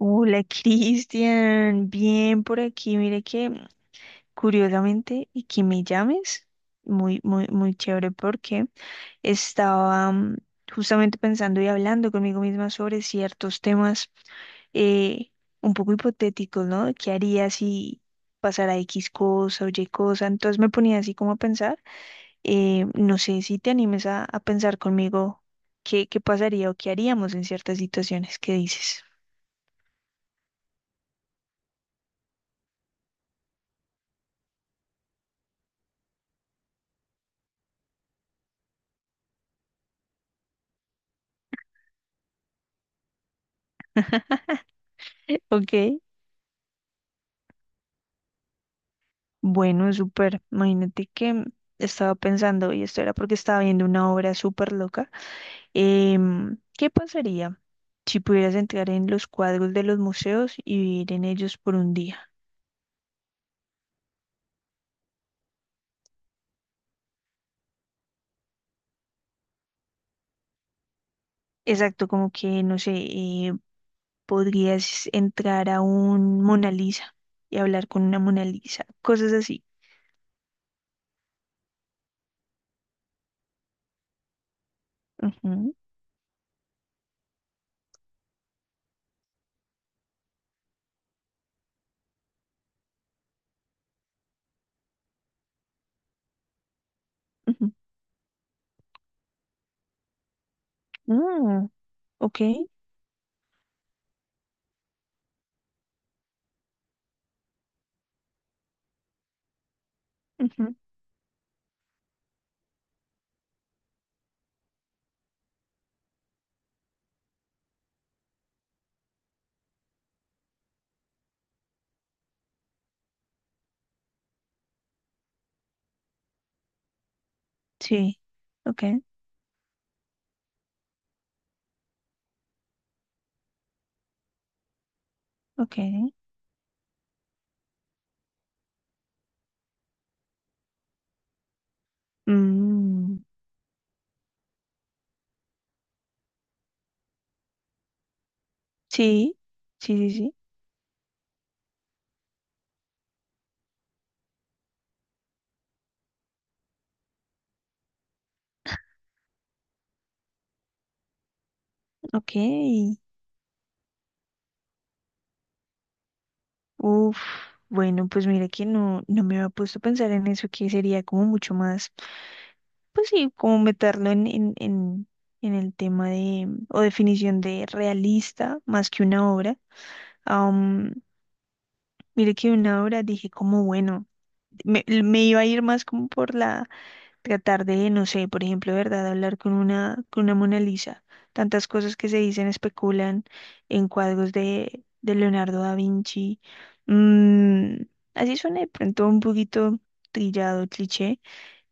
Hola, Cristian, bien por aquí. Mire que curiosamente y que me llames, muy, muy, muy chévere porque estaba justamente pensando y hablando conmigo misma sobre ciertos temas eh, un poco hipotéticos, ¿no? ¿Qué haría si pasara X cosa o Y cosa? Entonces me ponía así como a pensar, no sé si te animes a pensar conmigo qué pasaría o qué haríamos en ciertas situaciones. ¿Qué dices? Ok. Bueno, súper. Imagínate que estaba pensando, y esto era porque estaba viendo una obra súper loca. ¿Qué pasaría si pudieras entrar en los cuadros de los museos y vivir en ellos por un día? Exacto, como que, no sé, podrías entrar a un Mona Lisa y hablar con una Mona Lisa, cosas así. Ujú, ujú. Mm, ok, ujú, sí, ok, ok. Mm, sí, sí, sí, sí, ok. Uf, bueno, pues mira que no me había puesto a pensar en eso, que sería como mucho más, pues sí, como meterlo en el tema de, o definición de realista, más que una obra. Mire Mira que una obra dije como, bueno, me iba a ir más como por la tratar de, no sé, por ejemplo, ¿verdad? Hablar con una Mona Lisa. Tantas cosas que se dicen, especulan en cuadros de Leonardo da Vinci. Mm, Así suena de pronto un poquito trillado, cliché,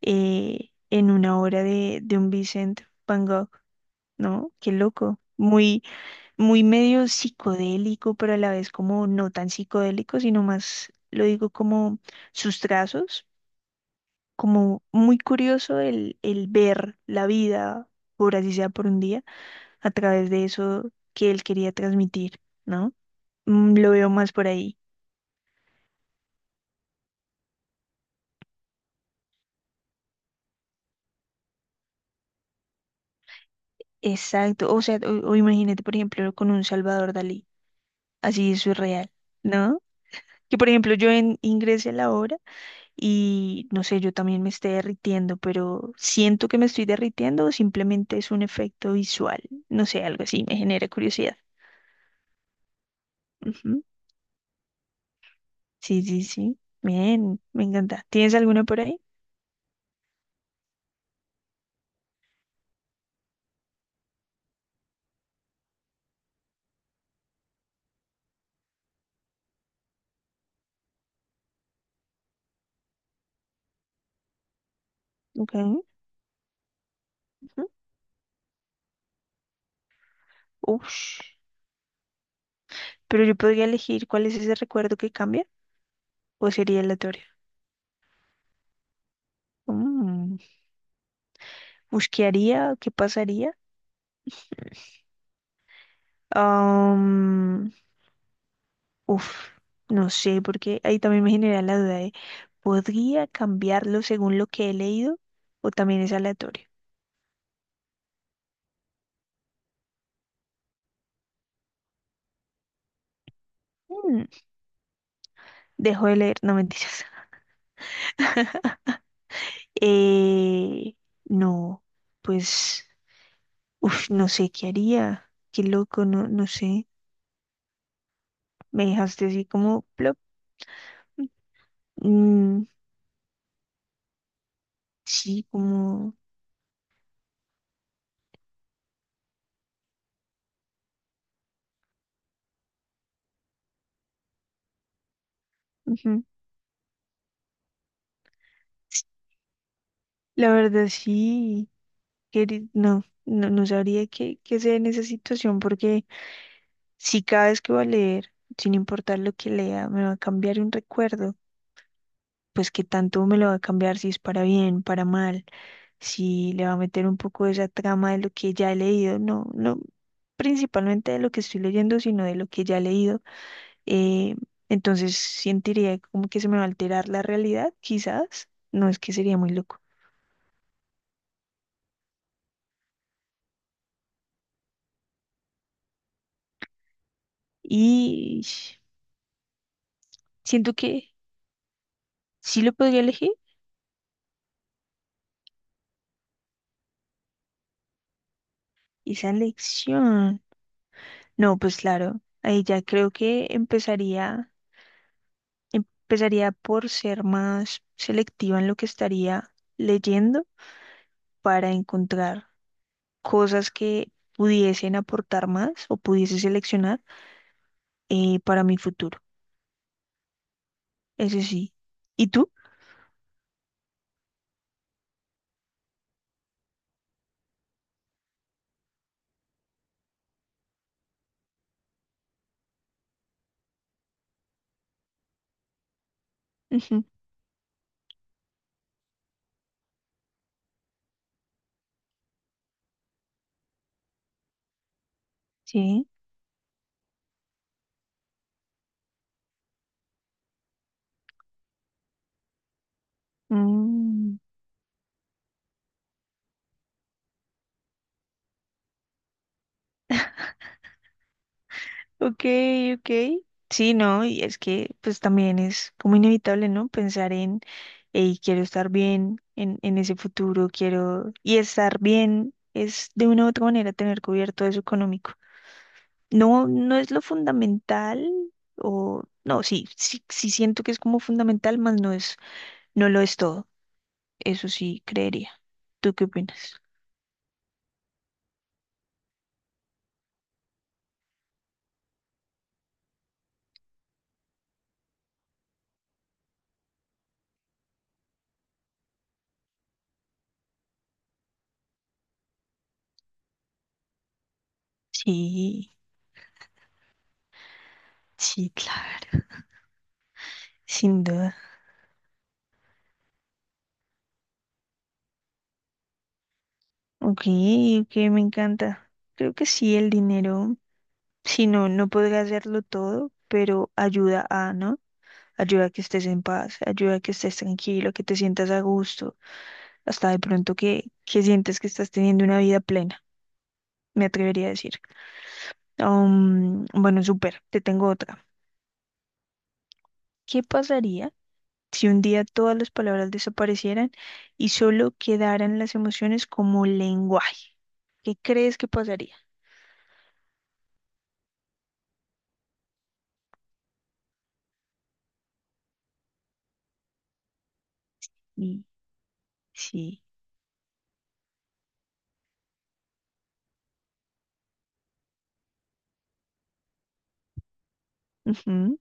en una obra de un Vincent Van Gogh, ¿no? Qué loco. Muy, muy medio psicodélico, pero a la vez como no tan psicodélico, sino más, lo digo como sus trazos como muy curioso el ver la vida, por así sea por un día, a través de eso que él quería transmitir, ¿no? Lo veo más por ahí. Exacto. O sea, o imagínate, por ejemplo, con un Salvador Dalí, así es surreal, ¿no? Que por ejemplo yo ingrese a la obra y no sé, yo también me esté derritiendo, pero siento que me estoy derritiendo o simplemente es un efecto visual, no sé, algo así, me genera curiosidad. Ujú. Sí, sí, sí. Bien, me encanta. ¿Tienes alguna por ahí? Ok. Ujú. Ush. Pero yo podría elegir cuál es ese recuerdo que cambia o sería aleatorio. Mm. Ush, ¿qué haría? ¿Qué pasaría? Am, uf, no sé, porque ahí también me genera la duda de, ¿podría cambiarlo según lo que he leído o también es aleatorio? Mm, Dejo de leer, no mentiras. Eh, no, pues, uf, no sé qué haría. Qué loco, no, no sé. Me dejaste así como plop. Mm, sí, como. Ujú. La verdad, sí. No, no, no sabría qué hacer en esa situación porque si cada vez que voy a leer, sin importar lo que lea, me va a cambiar un recuerdo, pues qué tanto me lo va a cambiar si es para bien, para mal, si le va a meter un poco de esa trama de lo que ya he leído. No, no principalmente de lo que estoy leyendo, sino de lo que ya he leído, eh, entonces sentiría como que se me va a alterar la realidad, quizás. No, es que sería muy loco. Y siento que sí lo podría elegir. Esa elección. No, pues claro, ahí ya creo que empezaría por ser más selectiva en lo que estaría leyendo para encontrar cosas que pudiesen aportar más o pudiese seleccionar, para mi futuro. Ese sí. ¿Y tú? Ujú, sí. Mm, ok, ok. Sí, no, y es que pues también es como inevitable, ¿no? Pensar en, hey, quiero estar bien en ese futuro, quiero... Y estar bien es de una u otra manera tener cubierto eso económico. No, no es lo fundamental, o... No, sí, sí, sí siento que es como fundamental, más no es, no lo es todo. Eso sí, creería. ¿Tú qué opinas? Sí, sí, claro, sin duda. Ok, ok, me encanta. Creo que sí, el dinero, si no, no podrá hacerlo todo, pero ayuda a, ¿no? Ayuda a que estés en paz, ayuda a que estés tranquilo, que te sientas a gusto, hasta de pronto que, sientes que estás teniendo una vida plena, me atrevería a decir. Bueno, súper, te tengo otra. ¿Qué pasaría si un día todas las palabras desaparecieran y solo quedaran las emociones como lenguaje? ¿Qué crees que pasaría? Y- Sí. Ujú.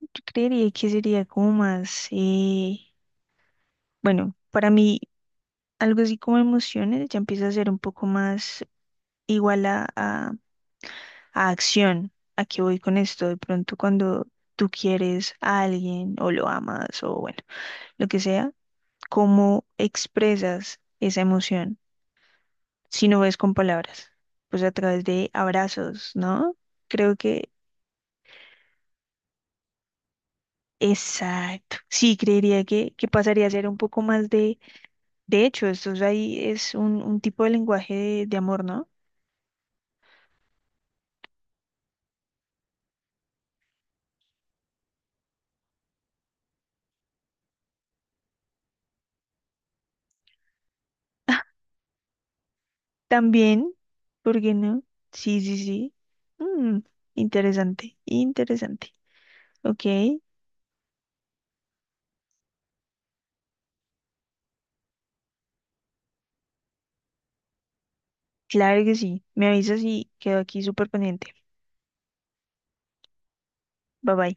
Yo creería que sería como más, bueno, para mí algo así como emociones ya empieza a ser un poco más igual a acción. ¿A qué voy con esto? De pronto cuando tú quieres a alguien o lo amas o bueno, lo que sea, ¿cómo expresas esa emoción si no es con palabras? Pues a través de abrazos, ¿no? Creo que... Exacto. Sí, creería que pasaría a ser un poco más. De hecho, esto es, ahí es un tipo de lenguaje de amor, ¿no? También, ¿por qué no? Sí, sí, sí. Mm, interesante, interesante. Ok, claro que sí. Me avisas y quedo aquí súper pendiente. Bye bye.